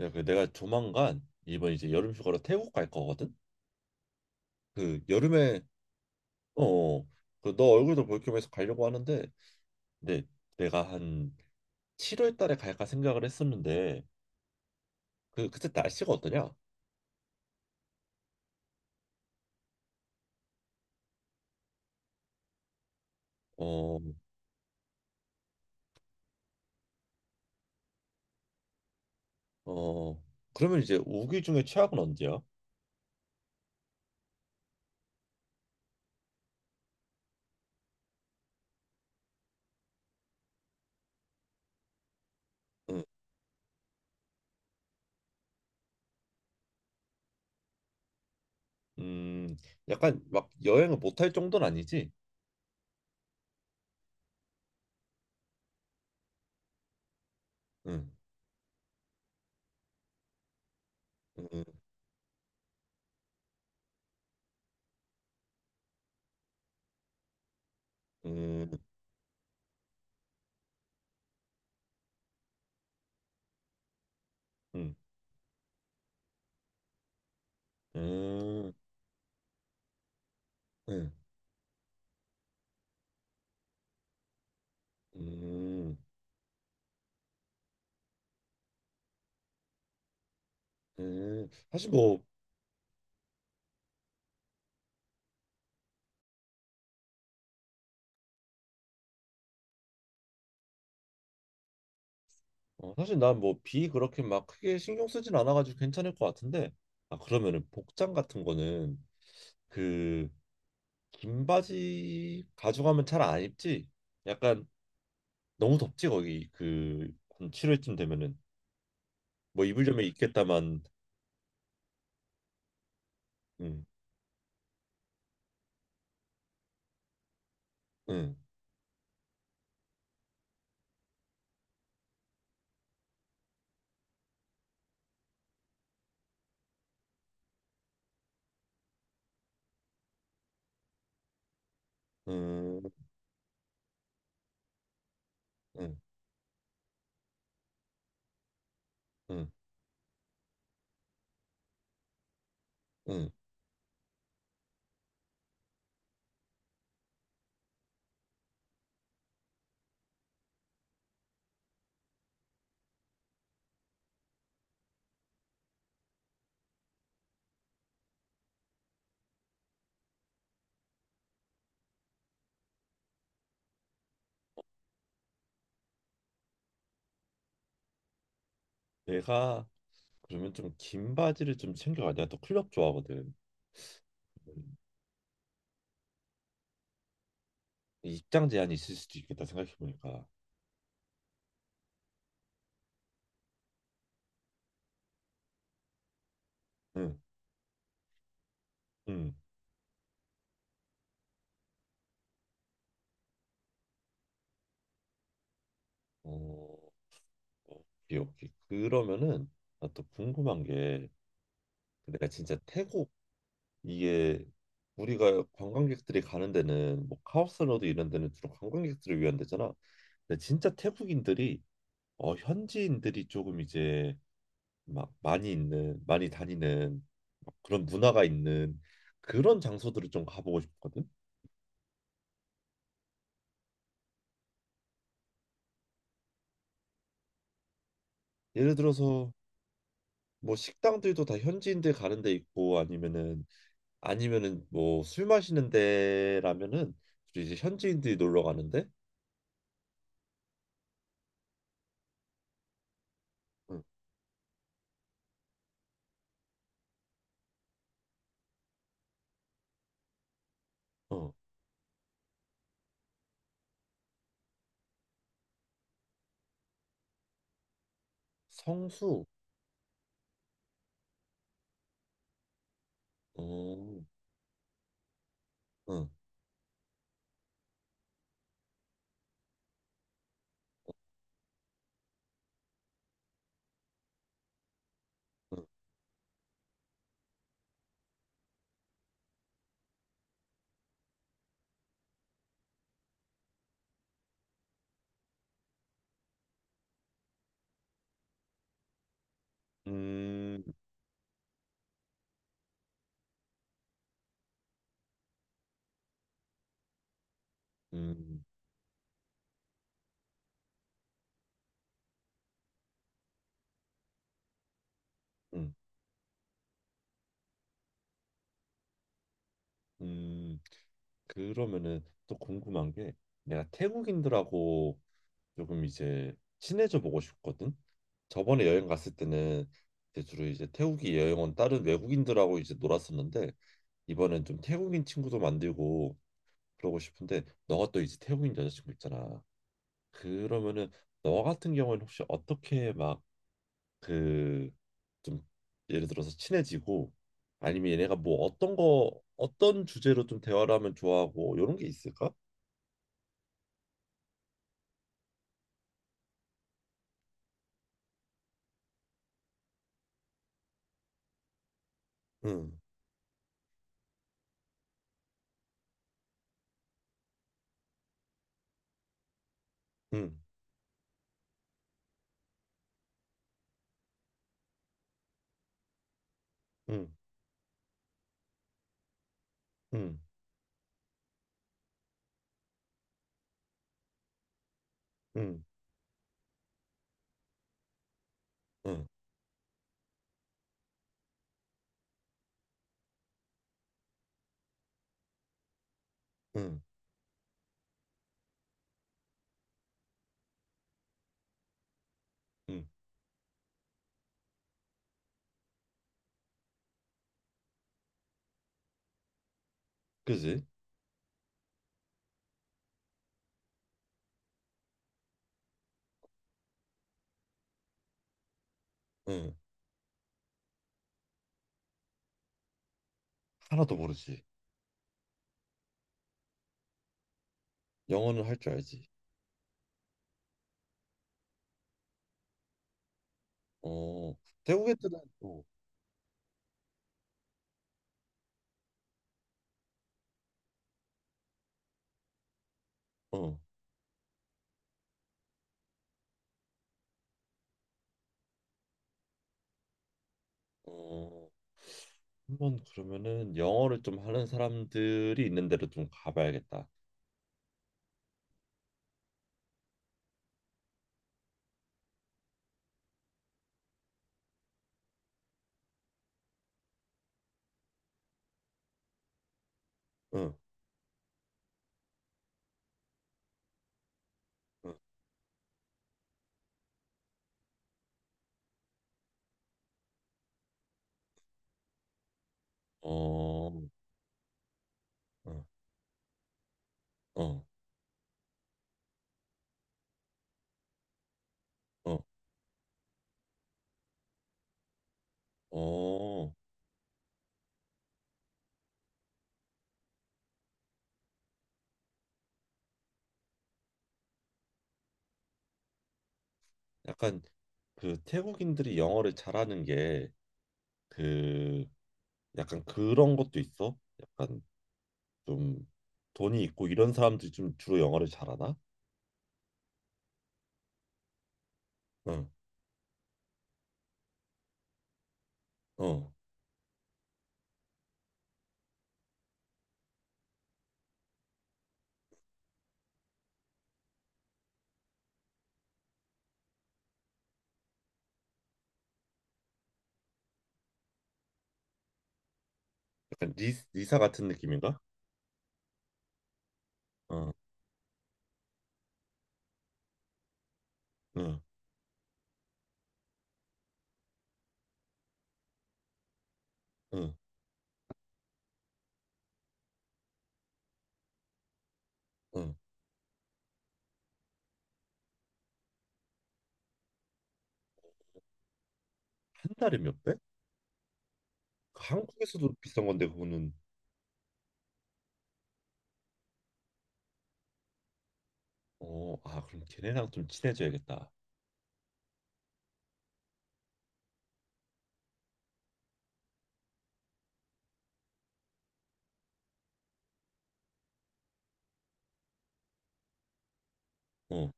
야, 그 내가 조만간 이번 이제 여름 휴가로 태국 갈 거거든. 그 여름에 어, 그너 얼굴도 볼 겸해서 가려고 하는데, 근데 내가 한 7월 달에 갈까 생각을 했었는데, 그 그때 날씨가 어떠냐? 어, 어, 그러면 이제 우기 중에 최악은 언제야? 응, 음, 약간 막 여행을 못 할 정도는 아니지? 응, 음, 음, 음, 음, 음. 음, 음. 사실 뭐 어, 사실 난 뭐 비 그렇게 막 크게 신경 쓰진 않아가지고 괜찮을 것 같은데. 아 그러면은 복장 같은 거는 그 긴 바지 가져가면 잘 안 입지? 약간 너무 덥지 거기 그 한 7월쯤 되면은. 뭐 입으려면 입겠다만. 응응응 응 응 응. 내가 그러면 좀 긴 바지를 좀 챙겨가. 내가 또 클럽 좋아하거든. 음, 입장 제한이 있을 수도 있겠다 생각해보니까. 응응. 어 오케이, 오케이. 그러면은 나 또 궁금한 게, 내가 진짜 태국 이게 우리가 관광객들이 가는 데는 뭐 카오스로드 이런 데는 주로 관광객들을 위한 데잖아. 근데 진짜 태국인들이 어 현지인들이 조금 이제 막 많이 있는 많이 다니는 막 그런 문화가 있는 그런 장소들을 좀 가보고 싶거든. 예를 들어서 뭐 식당들도 다 현지인들 가는 데 있고, 아니면은 아니면은 뭐 술 마시는 데라면은 주로 이제 현지인들이 놀러 가는데. 응, 어 성수. 어응응음음음음. 그러면은 또 궁금한 게, 내가 태국인들하고 조금 이제 친해져 보고 싶거든. 저번에 여행 갔을 때는 이제 주로 이제 태국이 여행 온 다른 외국인들하고 이제 놀았었는데, 이번엔 좀 태국인 친구도 만들고 그러고 싶은데 너가 또 이제 태국인 여자친구 있잖아. 그러면은 너 같은 경우에는 혹시 어떻게 막 그 좀 예를 들어서 친해지고 아니면 얘네가 뭐 어떤 거 어떤 주제로 좀 대화를 하면 좋아하고 이런 게 있을까? 응, 응, 응, 응, 응, 응, 응, 응, 그지? 응, 하나도 모르지. 영어는 할줄 알지. 어, 태국 애들은 어, 어, 어. 한 번 그러면은 영어를 좀 하는 사람들이 있는 데로 좀 가봐야겠다. 응, 응, 어, 응, 어, 어, 어. 약간 그 태국인들이 영어를 잘하는 게 그 약간 그런 것도 있어. 약간 좀 돈이 있고 이런 사람들이 좀 주로 영어를 잘하나? 응, 어. 약간 리사 같은 느낌인가? 응, 응, 응, 응. 한 달에 몇 배? 그 한국에서도 비싼 건데 그거는. 어, 아, 그럼 걔네랑 좀 친해져야겠다. 어,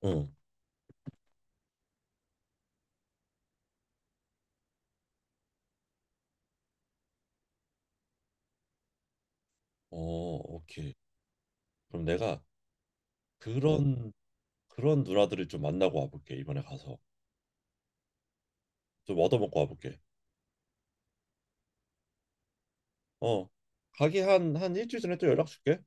어, 어, 오케이. 그럼 내가 그런 그런 누나들을 좀 만나고 와볼게. 이번에 가서 좀 얻어먹고 와볼게. 어, 가기 한 한 일주일 전에 또 연락 줄게.